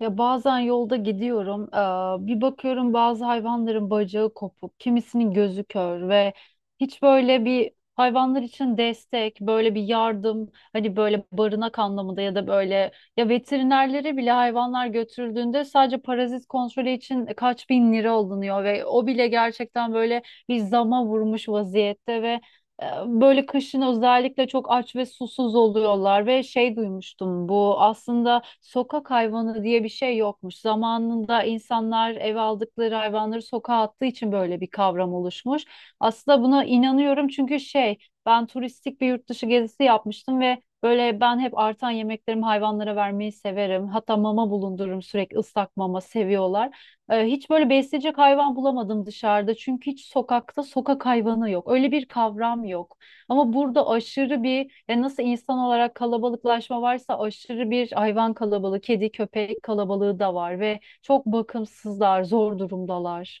Ya bazen yolda gidiyorum, bir bakıyorum, bazı hayvanların bacağı kopuk, kimisinin gözü kör ve hiç böyle bir hayvanlar için destek, böyle bir yardım, hani böyle barınak anlamında ya da böyle ya veterinerlere bile hayvanlar götürüldüğünde sadece parazit kontrolü için kaç bin lira alınıyor ve o bile gerçekten böyle bir zama vurmuş vaziyette ve böyle kışın özellikle çok aç ve susuz oluyorlar ve şey duymuştum, bu aslında sokak hayvanı diye bir şey yokmuş. Zamanında insanlar eve aldıkları hayvanları sokağa attığı için böyle bir kavram oluşmuş. Aslında buna inanıyorum çünkü şey, ben turistik bir yurt dışı gezisi yapmıştım ve böyle ben hep artan yemeklerimi hayvanlara vermeyi severim. Hatta mama bulundururum, sürekli ıslak mama seviyorlar. Hiç böyle besleyecek hayvan bulamadım dışarıda. Çünkü hiç sokakta sokak hayvanı yok. Öyle bir kavram yok. Ama burada aşırı bir, yani nasıl insan olarak kalabalıklaşma varsa aşırı bir hayvan kalabalığı, kedi, köpek kalabalığı da var ve çok bakımsızlar, zor durumdalar.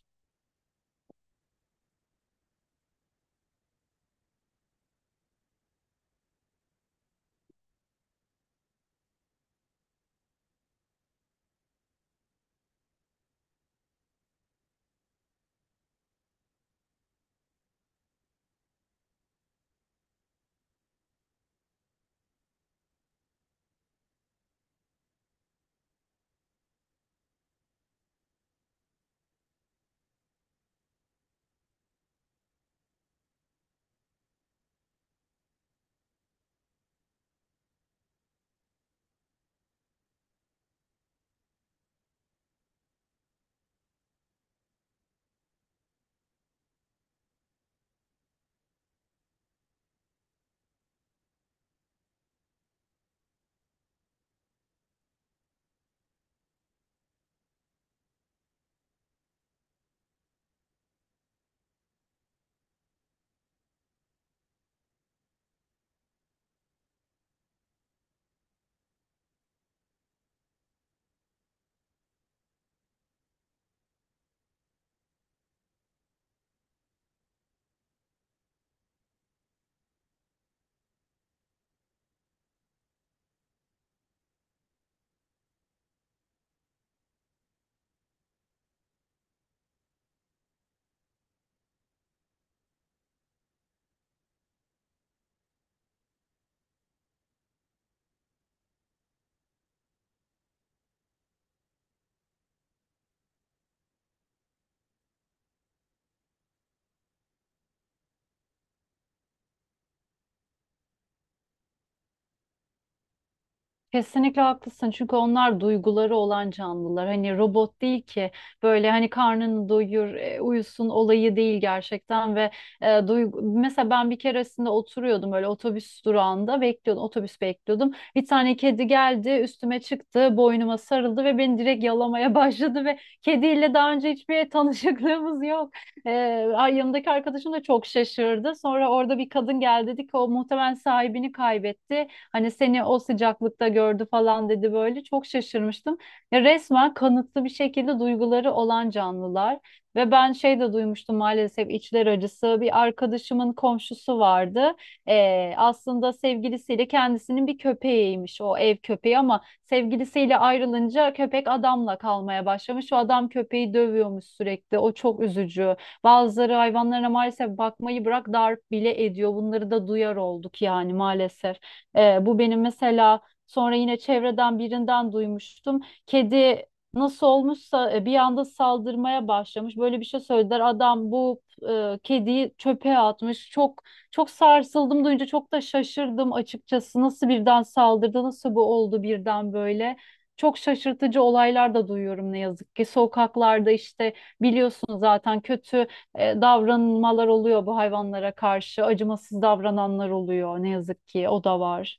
Kesinlikle haklısın çünkü onlar duyguları olan canlılar, hani robot değil ki, böyle hani karnını doyur, uyusun olayı değil gerçekten. Ve duygu, mesela ben bir keresinde oturuyordum öyle, otobüs durağında bekliyordum, otobüs bekliyordum, bir tane kedi geldi, üstüme çıktı, boynuma sarıldı ve beni direkt yalamaya başladı ve kediyle daha önce hiçbir tanışıklığımız yok. e, Yanımdaki arkadaşım da çok şaşırdı. Sonra orada bir kadın geldi, dedi ki o muhtemelen sahibini kaybetti. Hani seni o sıcaklıkta gördü falan dedi böyle. Çok şaşırmıştım. Ya resmen kanıtlı bir şekilde duyguları olan canlılar. Ve ben şey de duymuştum, maalesef içler acısı. Bir arkadaşımın komşusu vardı. Aslında sevgilisiyle kendisinin bir köpeğiymiş, o ev köpeği, ama sevgilisiyle ayrılınca köpek adamla kalmaya başlamış. O adam köpeği dövüyormuş sürekli. O çok üzücü. Bazıları hayvanlara maalesef bakmayı bırak, darp bile ediyor. Bunları da duyar olduk yani, maalesef. Bu benim mesela, sonra yine çevreden birinden duymuştum. Kedi nasıl olmuşsa bir anda saldırmaya başlamış. Böyle bir şey söylediler. Adam bu kediyi çöpe atmış. Çok sarsıldım duyunca, çok da şaşırdım açıkçası. Nasıl birden saldırdı? Nasıl bu oldu birden böyle? Çok şaşırtıcı olaylar da duyuyorum ne yazık ki. Sokaklarda işte biliyorsun zaten kötü davranmalar oluyor bu hayvanlara karşı. Acımasız davrananlar oluyor ne yazık ki, o da var.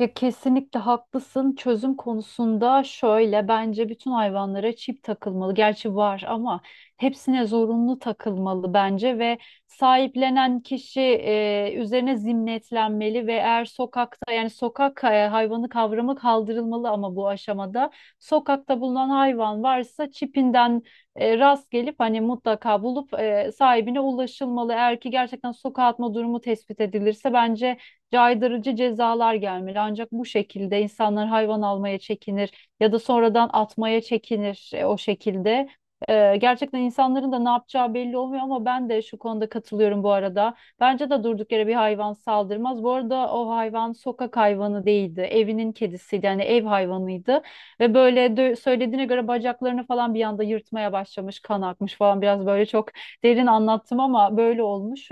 Ya kesinlikle haklısın. Çözüm konusunda şöyle, bence bütün hayvanlara çip takılmalı. Gerçi var ama hepsine zorunlu takılmalı bence. Ve sahiplenen kişi üzerine zimmetlenmeli ve eğer sokakta, yani sokak hayvanı kavramı kaldırılmalı, ama bu aşamada sokakta bulunan hayvan varsa çipinden rast gelip hani mutlaka bulup sahibine ulaşılmalı. Eğer ki gerçekten sokağa atma durumu tespit edilirse bence caydırıcı cezalar gelmeli. Ancak bu şekilde insanlar hayvan almaya çekinir ya da sonradan atmaya çekinir, o şekilde. Gerçekten insanların da ne yapacağı belli olmuyor, ama ben de şu konuda katılıyorum bu arada. Bence de durduk yere bir hayvan saldırmaz. Bu arada o hayvan sokak hayvanı değildi. Evinin kedisiydi. Yani ev hayvanıydı. Ve böyle söylediğine göre bacaklarını falan bir anda yırtmaya başlamış, kan akmış falan. Biraz böyle çok derin anlattım ama böyle olmuş.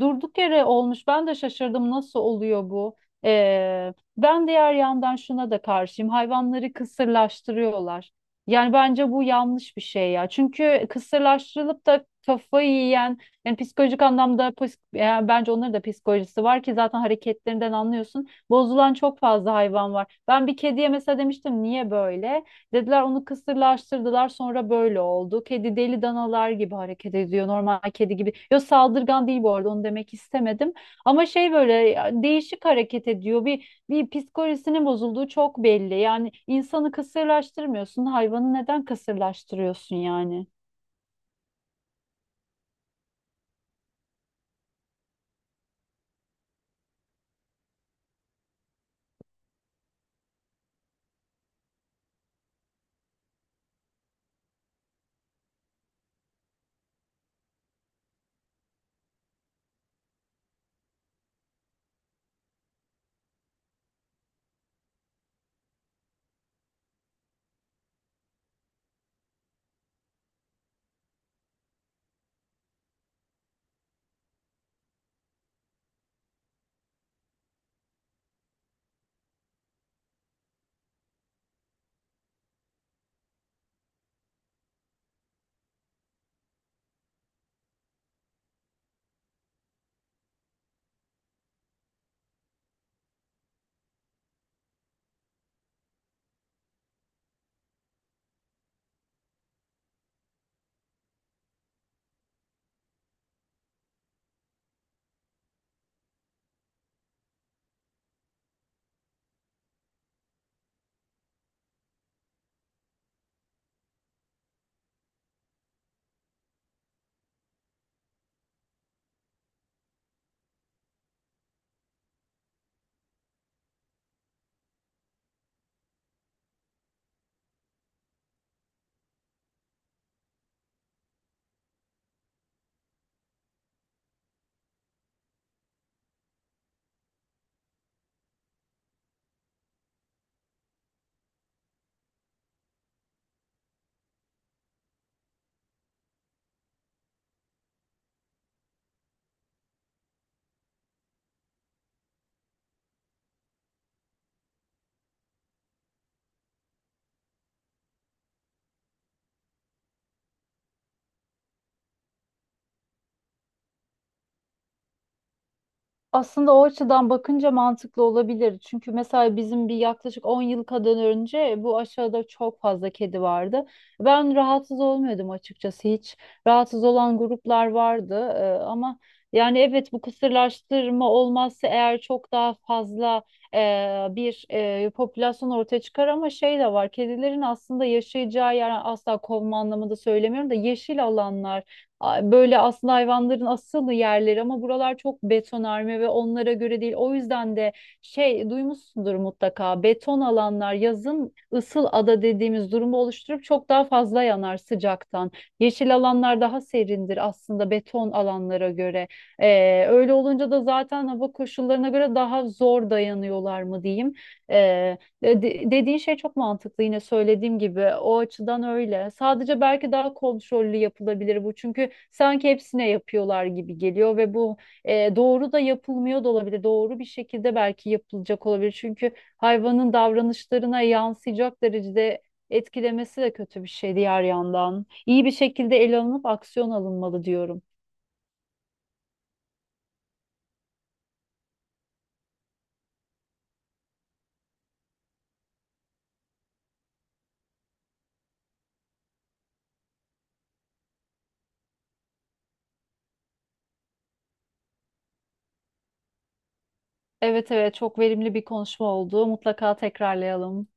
Durduk yere olmuş. Ben de şaşırdım, nasıl oluyor bu? Ben diğer yandan şuna da karşıyım. Hayvanları kısırlaştırıyorlar. Yani bence bu yanlış bir şey ya. Çünkü kısırlaştırılıp da kafayı yiyen, yani psikolojik anlamda yani bence onların da psikolojisi var ki zaten hareketlerinden anlıyorsun. Bozulan çok fazla hayvan var. Ben bir kediye mesela demiştim, niye böyle? Dediler onu kısırlaştırdılar, sonra böyle oldu. Kedi deli danalar gibi hareket ediyor. Normal kedi gibi. Yok, saldırgan değil bu arada, onu demek istemedim. Ama şey böyle ya, değişik hareket ediyor. Bir psikolojisinin bozulduğu çok belli. Yani insanı kısırlaştırmıyorsun. Hayvanı neden kısırlaştırıyorsun yani? Aslında o açıdan bakınca mantıklı olabilir. Çünkü mesela bizim bir yaklaşık 10 yıl kadar önce bu aşağıda çok fazla kedi vardı. Ben rahatsız olmuyordum açıkçası hiç. Rahatsız olan gruplar vardı. Ama yani evet, bu kısırlaştırma olmazsa eğer çok daha fazla e, popülasyon ortaya çıkar, ama şey de var. Kedilerin aslında yaşayacağı yer, asla kovma anlamında söylemiyorum da, yeşil alanlar, böyle aslında hayvanların asıl yerleri, ama buralar çok betonarme ve onlara göre değil. O yüzden de şey duymuşsundur mutlaka, beton alanlar yazın ısıl ada dediğimiz durumu oluşturup çok daha fazla yanar sıcaktan. Yeşil alanlar daha serindir aslında beton alanlara göre. Öyle olunca da zaten hava koşullarına göre daha zor dayanıyorlar mı diyeyim. E, dediğin şey çok mantıklı, yine söylediğim gibi o açıdan öyle. Sadece belki daha kontrollü yapılabilir bu, çünkü sanki hepsine yapıyorlar gibi geliyor ve bu doğru da yapılmıyor da olabilir. Doğru bir şekilde belki yapılacak olabilir çünkü hayvanın davranışlarına yansıyacak derecede etkilemesi de kötü bir şey diğer yandan. İyi bir şekilde ele alınıp aksiyon alınmalı diyorum. Evet evet, çok verimli bir konuşma oldu. Mutlaka tekrarlayalım.